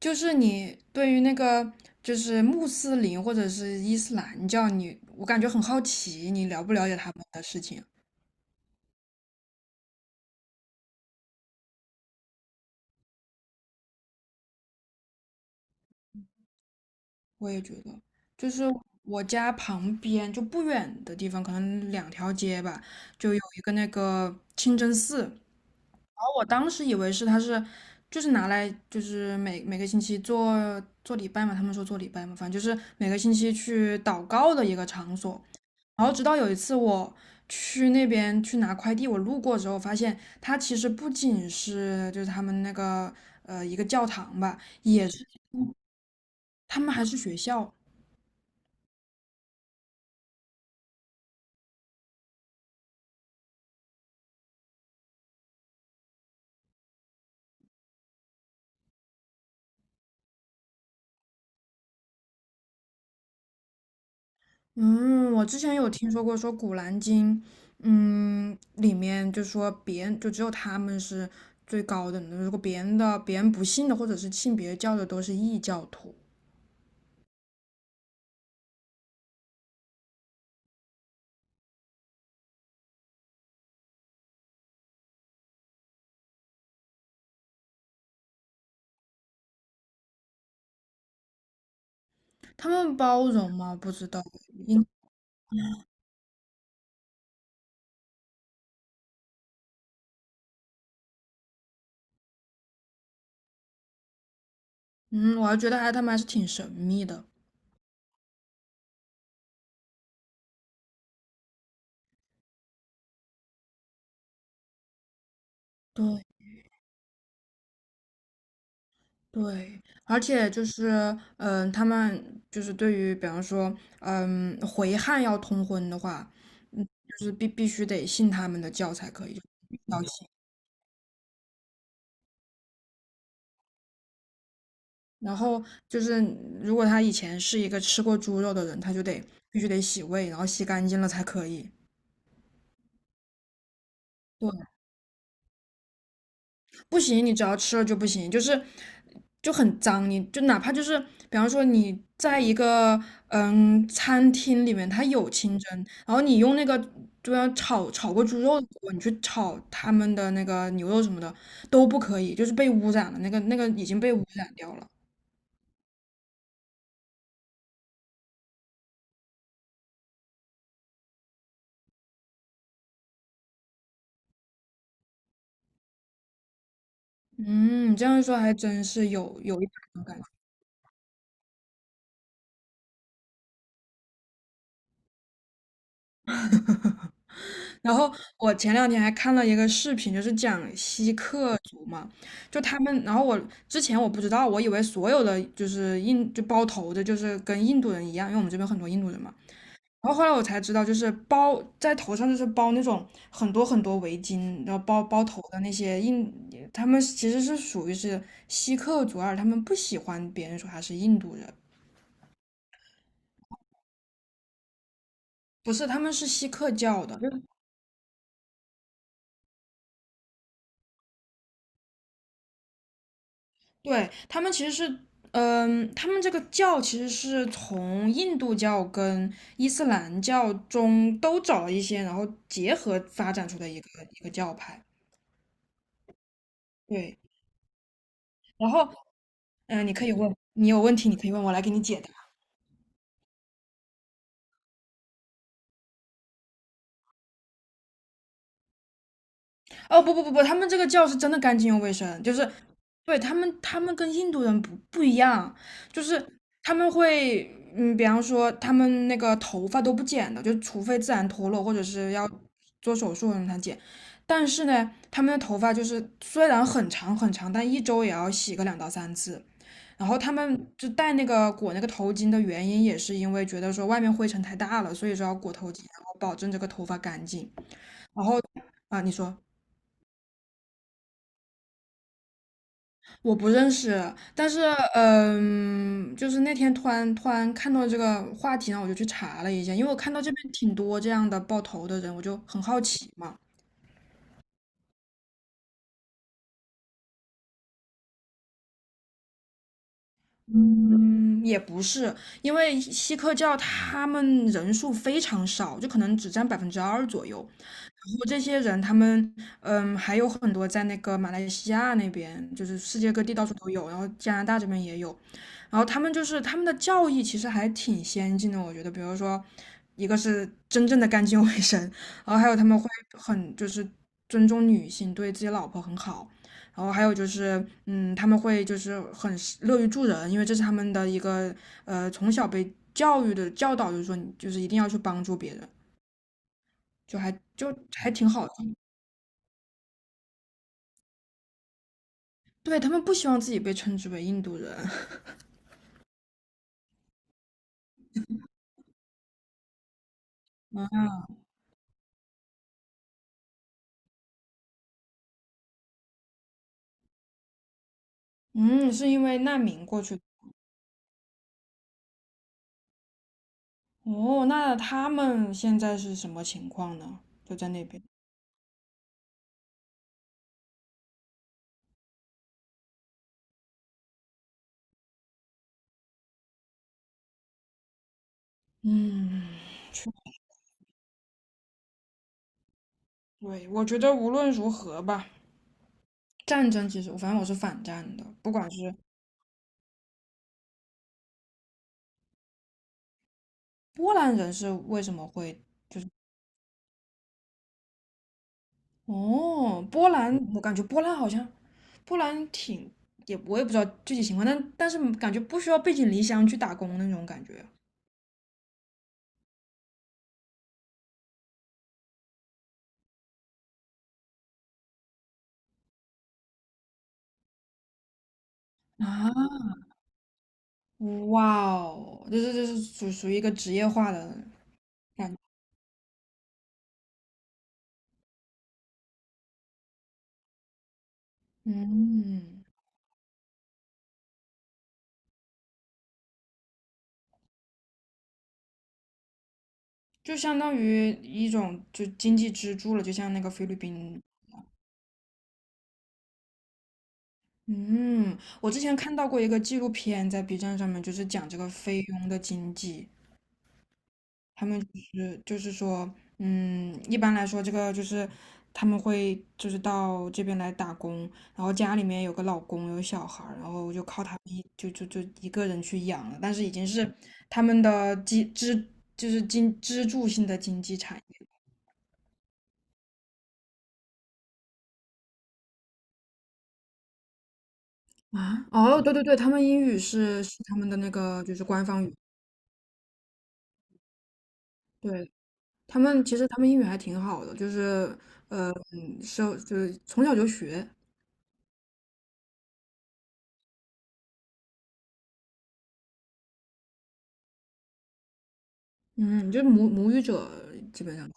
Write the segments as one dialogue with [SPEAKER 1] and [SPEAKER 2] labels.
[SPEAKER 1] 就是你对于那个就是穆斯林或者是伊斯兰教我感觉很好奇，你了不了解他们的事情？我也觉得，就是我家旁边就不远的地方，可能2条街吧，就有一个那个清真寺。我当时以为是他是就是拿来就是每个星期做礼拜嘛，他们说做礼拜嘛，反正就是每个星期去祷告的一个场所。然后直到有一次我去那边去拿快递，我路过之后发现它其实不仅是就是他们那个一个教堂吧，也是他们还是学校。嗯，我之前有听说过，说《古兰经》，嗯，里面就说别人就只有他们是最高等的，如果别人不信的或者是信别教的都是异教徒。他们包容吗？不知道。因嗯，我还觉得他们还是挺神秘的。对对，而且就是嗯，他们就是对于比方说嗯回汉要通婚的话，嗯，就是必须得信他们的教才可以。然后就是，如果他以前是一个吃过猪肉的人，他就得必须得洗胃，然后洗干净了才可以。对，不行，你只要吃了就不行，就是就很脏。你就哪怕就是，比方说你在一个嗯餐厅里面，它有清蒸，然后你用那个就要炒过猪肉的锅，你去炒他们的那个牛肉什么的都不可以，就是被污染了，那个已经被污染掉了。嗯，你这样一说还真是有一种感觉。然后我前两天还看了一个视频，就是讲锡克族嘛，就他们，然后我之前我不知道，我以为所有的就是包头的，就是跟印度人一样，因为我们这边很多印度人嘛。然后后来我才知道，就是包在头上，就是包那种很多很多围巾，然后包头的那些印，他们其实是属于是锡克族，而他们不喜欢别人说他是印度人。不是，他们是锡克教的，就对，他们其实是，嗯，他们这个教其实是从印度教跟伊斯兰教中都找了一些，然后结合发展出的一个教派。对，然后，嗯、你可以问，你有问题你可以问我来给你解答。哦，不不不不，他们这个教是真的干净又卫生。就是对，他们跟印度人不一样，就是他们会嗯，比方说他们那个头发都不剪的，就除非自然脱落或者是要做手术的人才剪。但是呢，他们的头发就是虽然很长很长，但一周也要洗个2到3次。然后他们就戴那个裹那个头巾的原因，也是因为觉得说外面灰尘太大了，所以说要裹头巾，然后保证这个头发干净。然后啊，你说，我不认识，但是嗯，就是那天突然看到这个话题，然后我就去查了一下，因为我看到这边挺多这样的爆头的人，我就很好奇嘛。嗯，也不是，因为锡克教他们人数非常少，就可能只占2%左右。然后这些人，他们嗯，还有很多在那个马来西亚那边，就是世界各地到处都有，然后加拿大这边也有。然后他们的教义其实还挺先进的，我觉得，比如说，一个是真正的干净卫生，然后还有他们会很就是尊重女性，对自己老婆很好，然后还有就是，嗯，他们会就是很乐于助人，因为这是他们的一个从小被教育的教导，就是说你就是一定要去帮助别人，就还挺好的。对，他们不希望自己被称之为印度人。嗯，是因为难民过去。哦，那他们现在是什么情况呢？就在那边。嗯，确对，我觉得无论如何吧，战争其实，反正我是反战的，不管是波兰人是为什么会，哦，波兰，我感觉波兰好像，波兰挺，我也不知道具体情况，但是感觉不需要背井离乡去打工那种感觉。啊，哇哦，这是属于一个职业化的感觉。嗯。就相当于一种就经济支柱了，就像那个菲律宾。嗯，我之前看到过一个纪录片，在 B 站上面，就是讲这个菲佣的经济。他们就是说，嗯，一般来说，这个就是他们会就是到这边来打工，然后家里面有个老公有小孩儿，然后就靠他们一就就就一个人去养了，但是已经是他们的就是支柱性的经济产。啊，哦，对对对，他们英语是他们的那个就是官方语，对，他们英语还挺好的，就是嗯是就是从小就学，嗯，就是母语者基本上。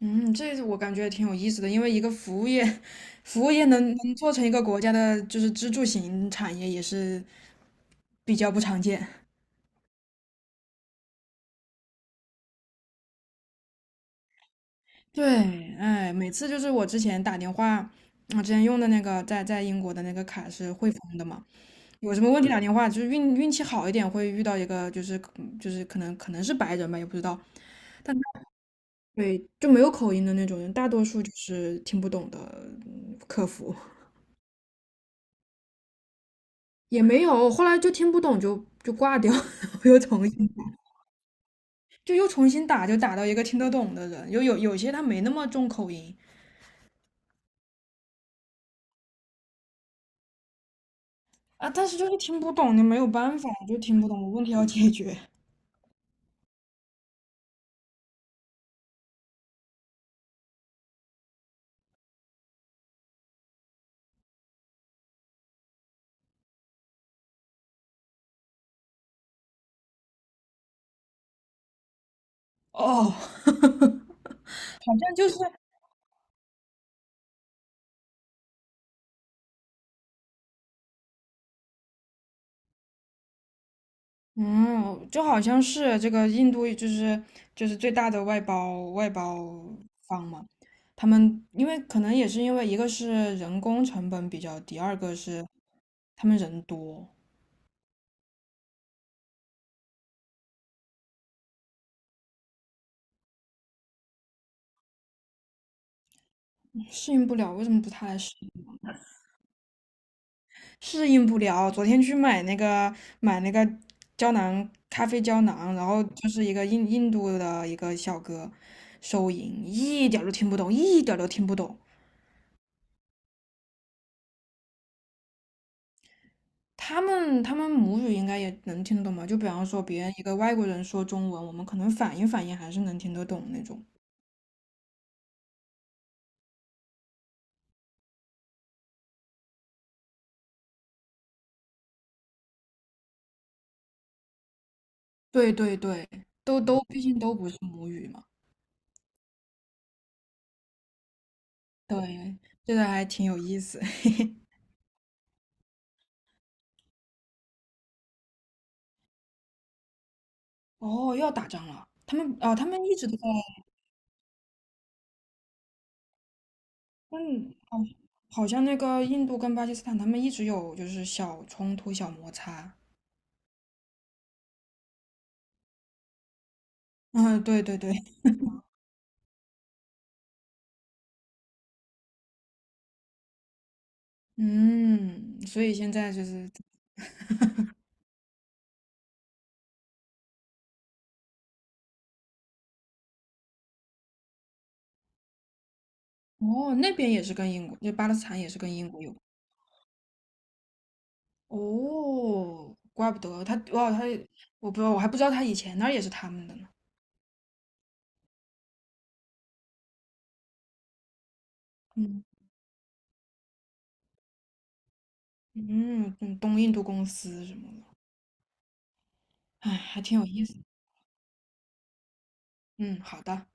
[SPEAKER 1] 嗯，这我感觉也挺有意思的，因为一个服务业，服务业能做成一个国家的就是支柱型产业也是比较不常见。对，哎，每次就是我之前打电话，我之前用的那个在英国的那个卡是汇丰的嘛。有什么问题打电话，就是运气好一点会遇到一个就是嗯就是可能是白人吧，也不知道，但他对就没有口音的那种人，大多数就是听不懂的嗯客服。也没有，后来就听不懂就挂掉，我又重新打。就又重新打，就打到一个听得懂的人，有些他没那么重口音啊，但是就是听不懂，你没有办法，就听不懂，问题要解决。哦。好像就是嗯，就好像是这个印度就是最大的外包方嘛，他们因为可能也是因为一个是人工成本比较低，二个是他们人多。适应不了。为什么不他来适应？适应不了。昨天去买那个胶囊咖啡胶囊，然后就是一个印度的一个小哥收银，一点儿都听不懂，一点儿都听不懂。他们母语应该也能听得懂吧？就比方说别人一个外国人说中文，我们可能反应还是能听得懂那种。对对对，都毕竟都不是母语嘛。对，这个还挺有意思。哦，又要打仗了。他们一直都在。嗯，好，好像那个印度跟巴基斯坦，他们一直有就是小冲突、小摩擦。嗯，对对对，嗯，所以现在就是，哦，那边也是跟英国，就巴勒斯坦也是跟英国有关。哦，怪不得他，哇，他，我不知道，我还不知道他以前那儿也是他们的呢。嗯嗯嗯，东印度公司什么的，哎，还挺有意思。嗯，好的。